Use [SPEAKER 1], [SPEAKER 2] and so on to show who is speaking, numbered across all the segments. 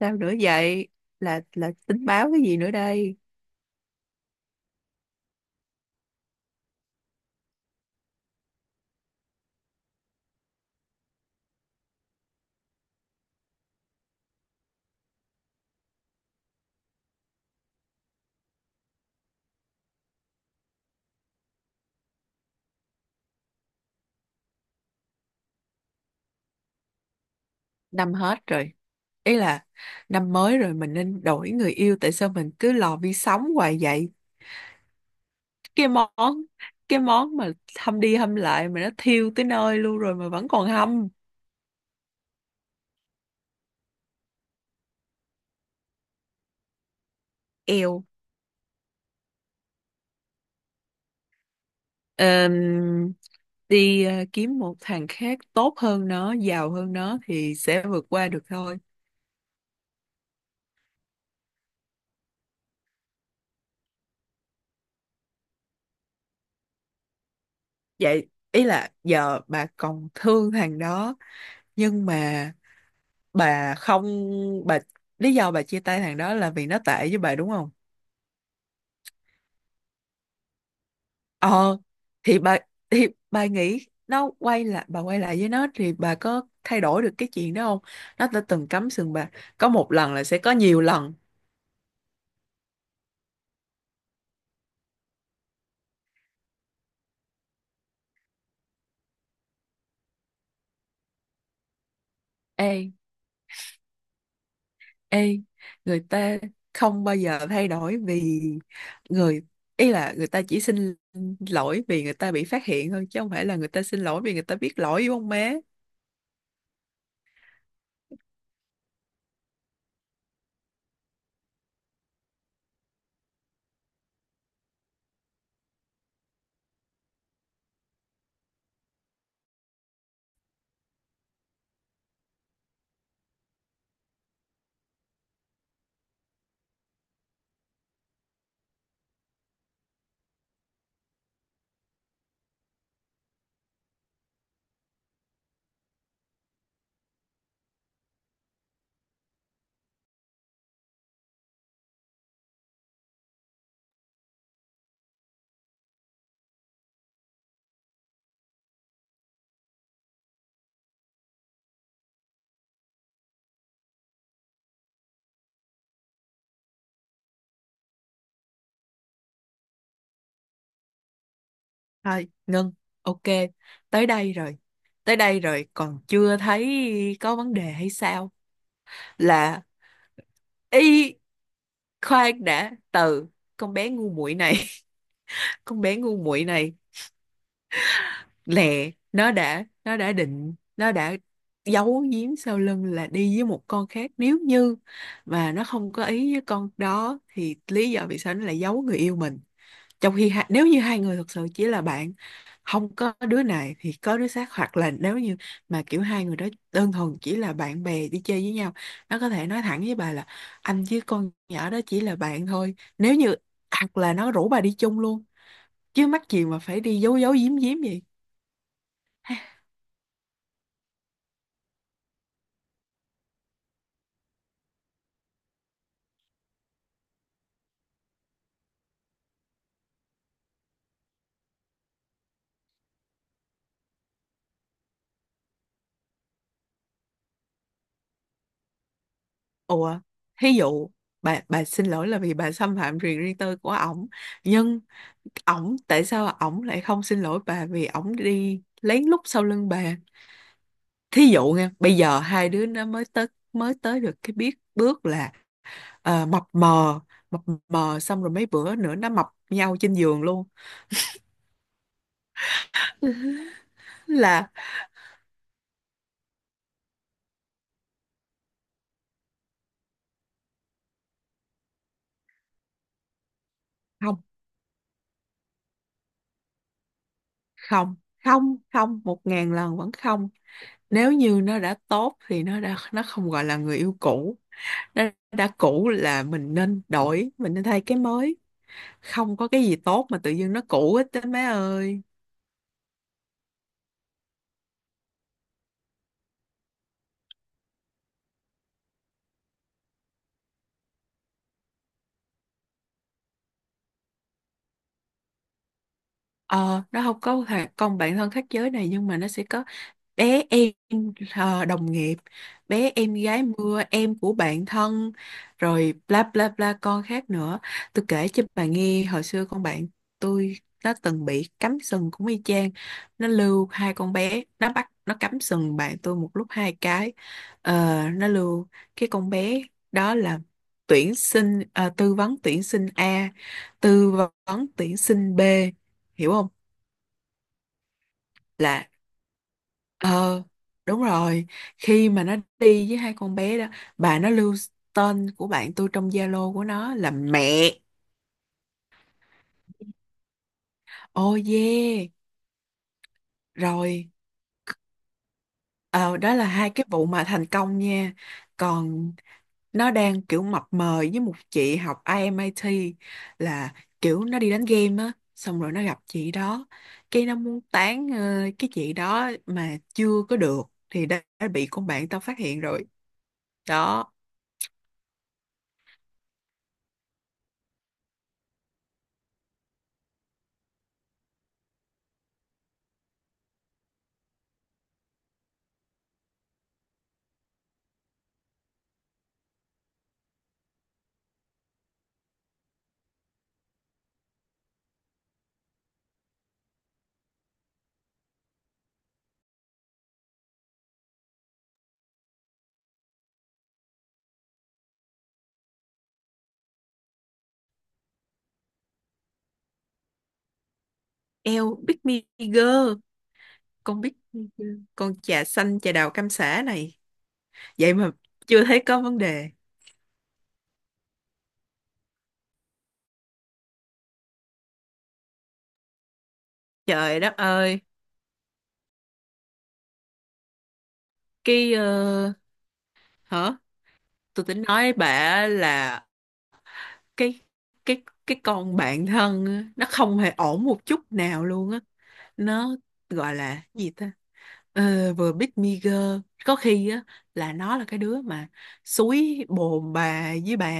[SPEAKER 1] Sao nữa vậy? Là tính báo cái gì nữa đây? Năm hết rồi, ý là năm mới rồi mình nên đổi người yêu. Tại sao mình cứ lò vi sóng hoài vậy? Cái món cái món mà hâm đi hâm lại mà nó thiêu tới nơi luôn rồi mà vẫn còn hâm. Eo. Ờm, Đi kiếm một thằng khác tốt hơn nó, giàu hơn nó, thì sẽ vượt qua được thôi. Vậy ý là giờ bà còn thương thằng đó, nhưng mà bà không, bà lý do bà chia tay thằng đó là vì nó tệ với bà, đúng không? Ờ thì bà thì bà nghĩ nó quay lại, bà quay lại với nó thì bà có thay đổi được cái chuyện đó không? Nó đã từng cắm sừng bà, có một lần là sẽ có nhiều lần. Ê ê, người ta không bao giờ thay đổi. Vì người Ý là người ta chỉ xin lỗi vì người ta bị phát hiện thôi chứ không phải là người ta xin lỗi vì người ta biết lỗi, đúng không má? Thôi, ngưng. Ok, tới đây rồi. Tới đây rồi, còn chưa thấy có vấn đề hay sao? Là y khoan đã từ con bé ngu muội này. Con bé ngu muội này lẹ, nó đã giấu giếm sau lưng là đi với một con khác. Nếu như mà nó không có ý với con đó thì lý do vì sao nó lại giấu người yêu mình, trong khi nếu như hai người thực sự chỉ là bạn, không có đứa này thì có đứa khác. Hoặc là nếu như mà kiểu hai người đó đơn thuần chỉ là bạn bè đi chơi với nhau, nó có thể nói thẳng với bà là anh với con nhỏ đó chỉ là bạn thôi. Nếu như Hoặc là nó rủ bà đi chung luôn, chứ mắc gì mà phải đi giấu giấu giếm giếm vậy? Ủa, thí dụ bà xin lỗi là vì bà xâm phạm quyền riêng tư của ổng, nhưng ổng tại sao ổng lại không xin lỗi bà vì ổng đi lén lút sau lưng bà? Thí dụ nha, bây giờ hai đứa nó mới tới được cái biết bước là mập mờ, mập mờ, xong rồi mấy bữa nữa nó mập nhau trên giường luôn. là Không, không, không, không, 1.000 lần vẫn không! Nếu như nó đã tốt thì nó không gọi là người yêu cũ. Nó đã cũ là mình nên đổi, mình nên thay cái mới. Không có cái gì tốt mà tự dưng nó cũ hết á, má ơi! Ờ nó không có thằng con bạn thân khác giới này, nhưng mà nó sẽ có bé em đồng nghiệp, bé em gái mưa, em của bạn thân, rồi bla bla bla con khác nữa. Tôi kể cho bà nghe, hồi xưa con bạn tôi nó từng bị cắm sừng cũng y chang. Nó lưu hai con bé, nó bắt nó cắm sừng bạn tôi một lúc hai cái. Nó lưu cái con bé đó là tư vấn tuyển sinh A, tư vấn tuyển sinh B, hiểu không? Là ờ Đúng rồi. Khi mà nó đi với hai con bé đó, bà, nó lưu tên của bạn tôi trong Zalo của nó là mẹ. Oh yeah. Rồi, Ờ, đó là hai cái vụ mà thành công nha. Còn nó đang kiểu mập mờ với một chị học IMIT, là kiểu nó đi đánh game á, xong rồi nó gặp chị đó. Cái nó muốn tán cái chị đó mà chưa có được thì đã bị con bạn tao phát hiện rồi. Đó. Eo, Big Me Girl! Con Big Me Girl, con trà xanh trà đào cam sả này, vậy mà chưa thấy có vấn đề! Trời đất ơi! cái ờ, Hả? Tôi tính nói bà là cái cái con bạn thân á, nó không hề ổn một chút nào luôn á. Nó gọi là gì ta? Vừa Big Meager có khi á, là nó là cái đứa mà xúi bồn bà với bà,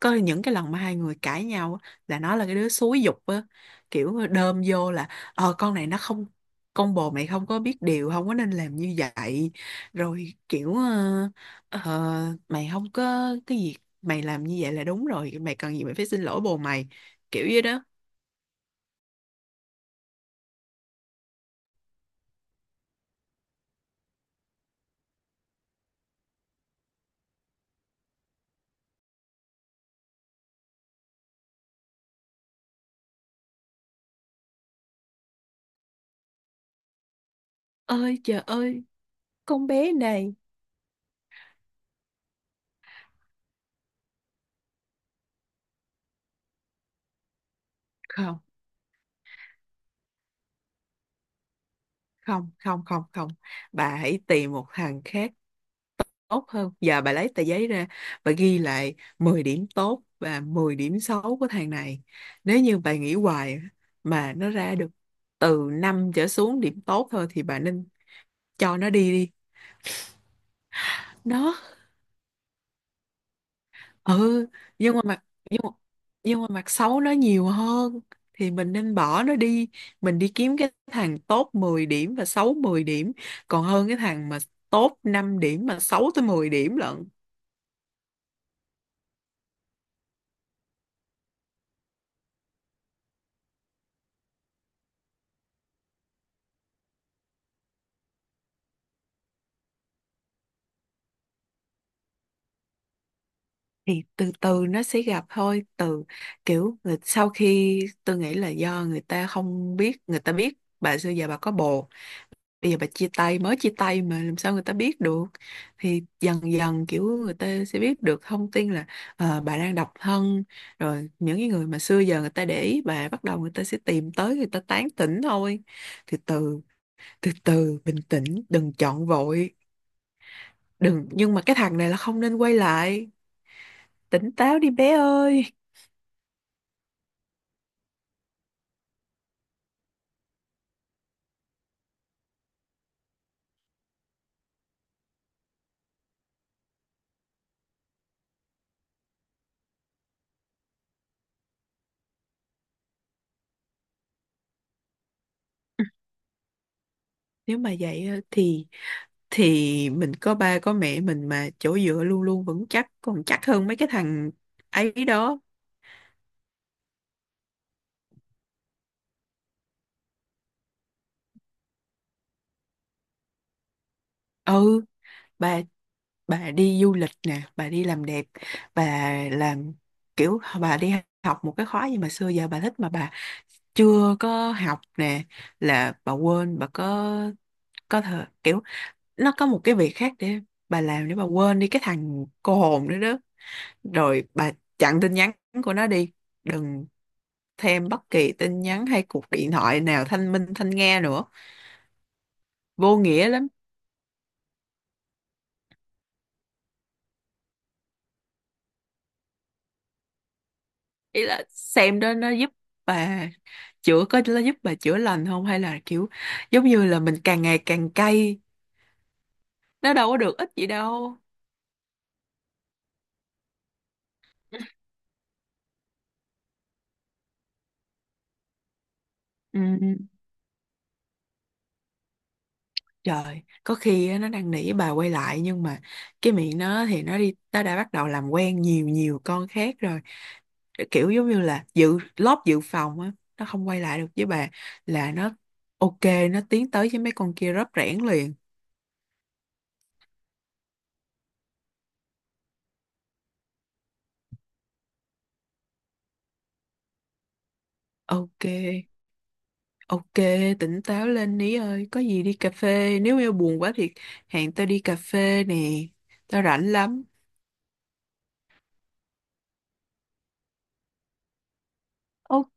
[SPEAKER 1] có những cái lần mà hai người cãi nhau á, là nó là cái đứa xúi giục á, kiểu đơm vô là con này nó không, con bồ mày không có biết điều, không có nên làm như vậy. Rồi kiểu mày không có cái gì, mày làm như vậy là đúng rồi, mày cần gì mày phải xin lỗi bồ mày, kiểu vậy đó. Ơi trời ơi, con bé này! Không, không, không, không, không! Bà hãy tìm một thằng khác tốt hơn. Giờ bà lấy tờ giấy ra, bà ghi lại 10 điểm tốt và 10 điểm xấu của thằng này. Nếu như bà nghĩ hoài mà nó ra được từ 5 trở xuống điểm tốt thôi thì bà nên cho nó đi đi. Nó ừ nhưng mà mặt nhưng mà, nhưng mà mặt xấu nó nhiều hơn, thì mình nên bỏ nó đi, mình đi kiếm cái thằng tốt 10 điểm và xấu 10 điểm, còn hơn cái thằng mà tốt 5 điểm mà xấu tới 10 điểm lận. Thì từ từ nó sẽ gặp thôi. Sau khi tôi nghĩ là do người ta không biết. Người ta biết bà xưa giờ bà có bồ, bây giờ bà chia tay, mới chia tay, mà làm sao người ta biết được? Thì dần dần kiểu người ta sẽ biết được thông tin là bà đang độc thân, rồi những cái người mà xưa giờ người ta để ý bà, bắt đầu người ta sẽ tìm tới, người ta tán tỉnh thôi. Từ từ, từ từ, bình tĩnh, đừng chọn vội. Đừng, nhưng mà cái thằng này là không nên quay lại. Tỉnh táo đi bé ơi. Nếu mà vậy á, thì mình có ba có mẹ mình mà, chỗ dựa luôn luôn vững chắc, còn chắc hơn mấy cái thằng ấy đó. Ừ, bà bà đi du lịch nè, bà đi làm đẹp, bà làm kiểu bà đi học một cái khóa gì mà xưa giờ bà thích mà bà chưa có học nè. Là bà quên, bà có thể kiểu nó có một cái việc khác để bà làm, để bà quên đi cái thằng cô hồn nữa đó. Rồi bà chặn tin nhắn của nó đi, đừng thêm bất kỳ tin nhắn hay cuộc điện thoại nào thanh minh thanh nghe nữa. Vô nghĩa lắm. Ý là xem đó, bà nó giúp bà chữa lành không, hay là kiểu giống như là mình càng ngày càng cay, nó đâu có được ích gì đâu? Ừ. Trời, có khi á, nó đang nỉ bà quay lại nhưng mà cái miệng nó thì nó đã bắt đầu làm quen nhiều nhiều con khác rồi. Kiểu giống như là dự lót dự phòng á, nó không quay lại được với bà là nó ok, nó tiến tới với mấy con kia rớp rẻn liền. Ok, ok, tỉnh táo lên ní ơi, có gì đi cà phê, nếu yêu buồn quá thì hẹn tao đi cà phê nè, tao rảnh lắm. Ok,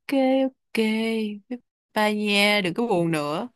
[SPEAKER 1] ok, bye bye nha, đừng có buồn nữa.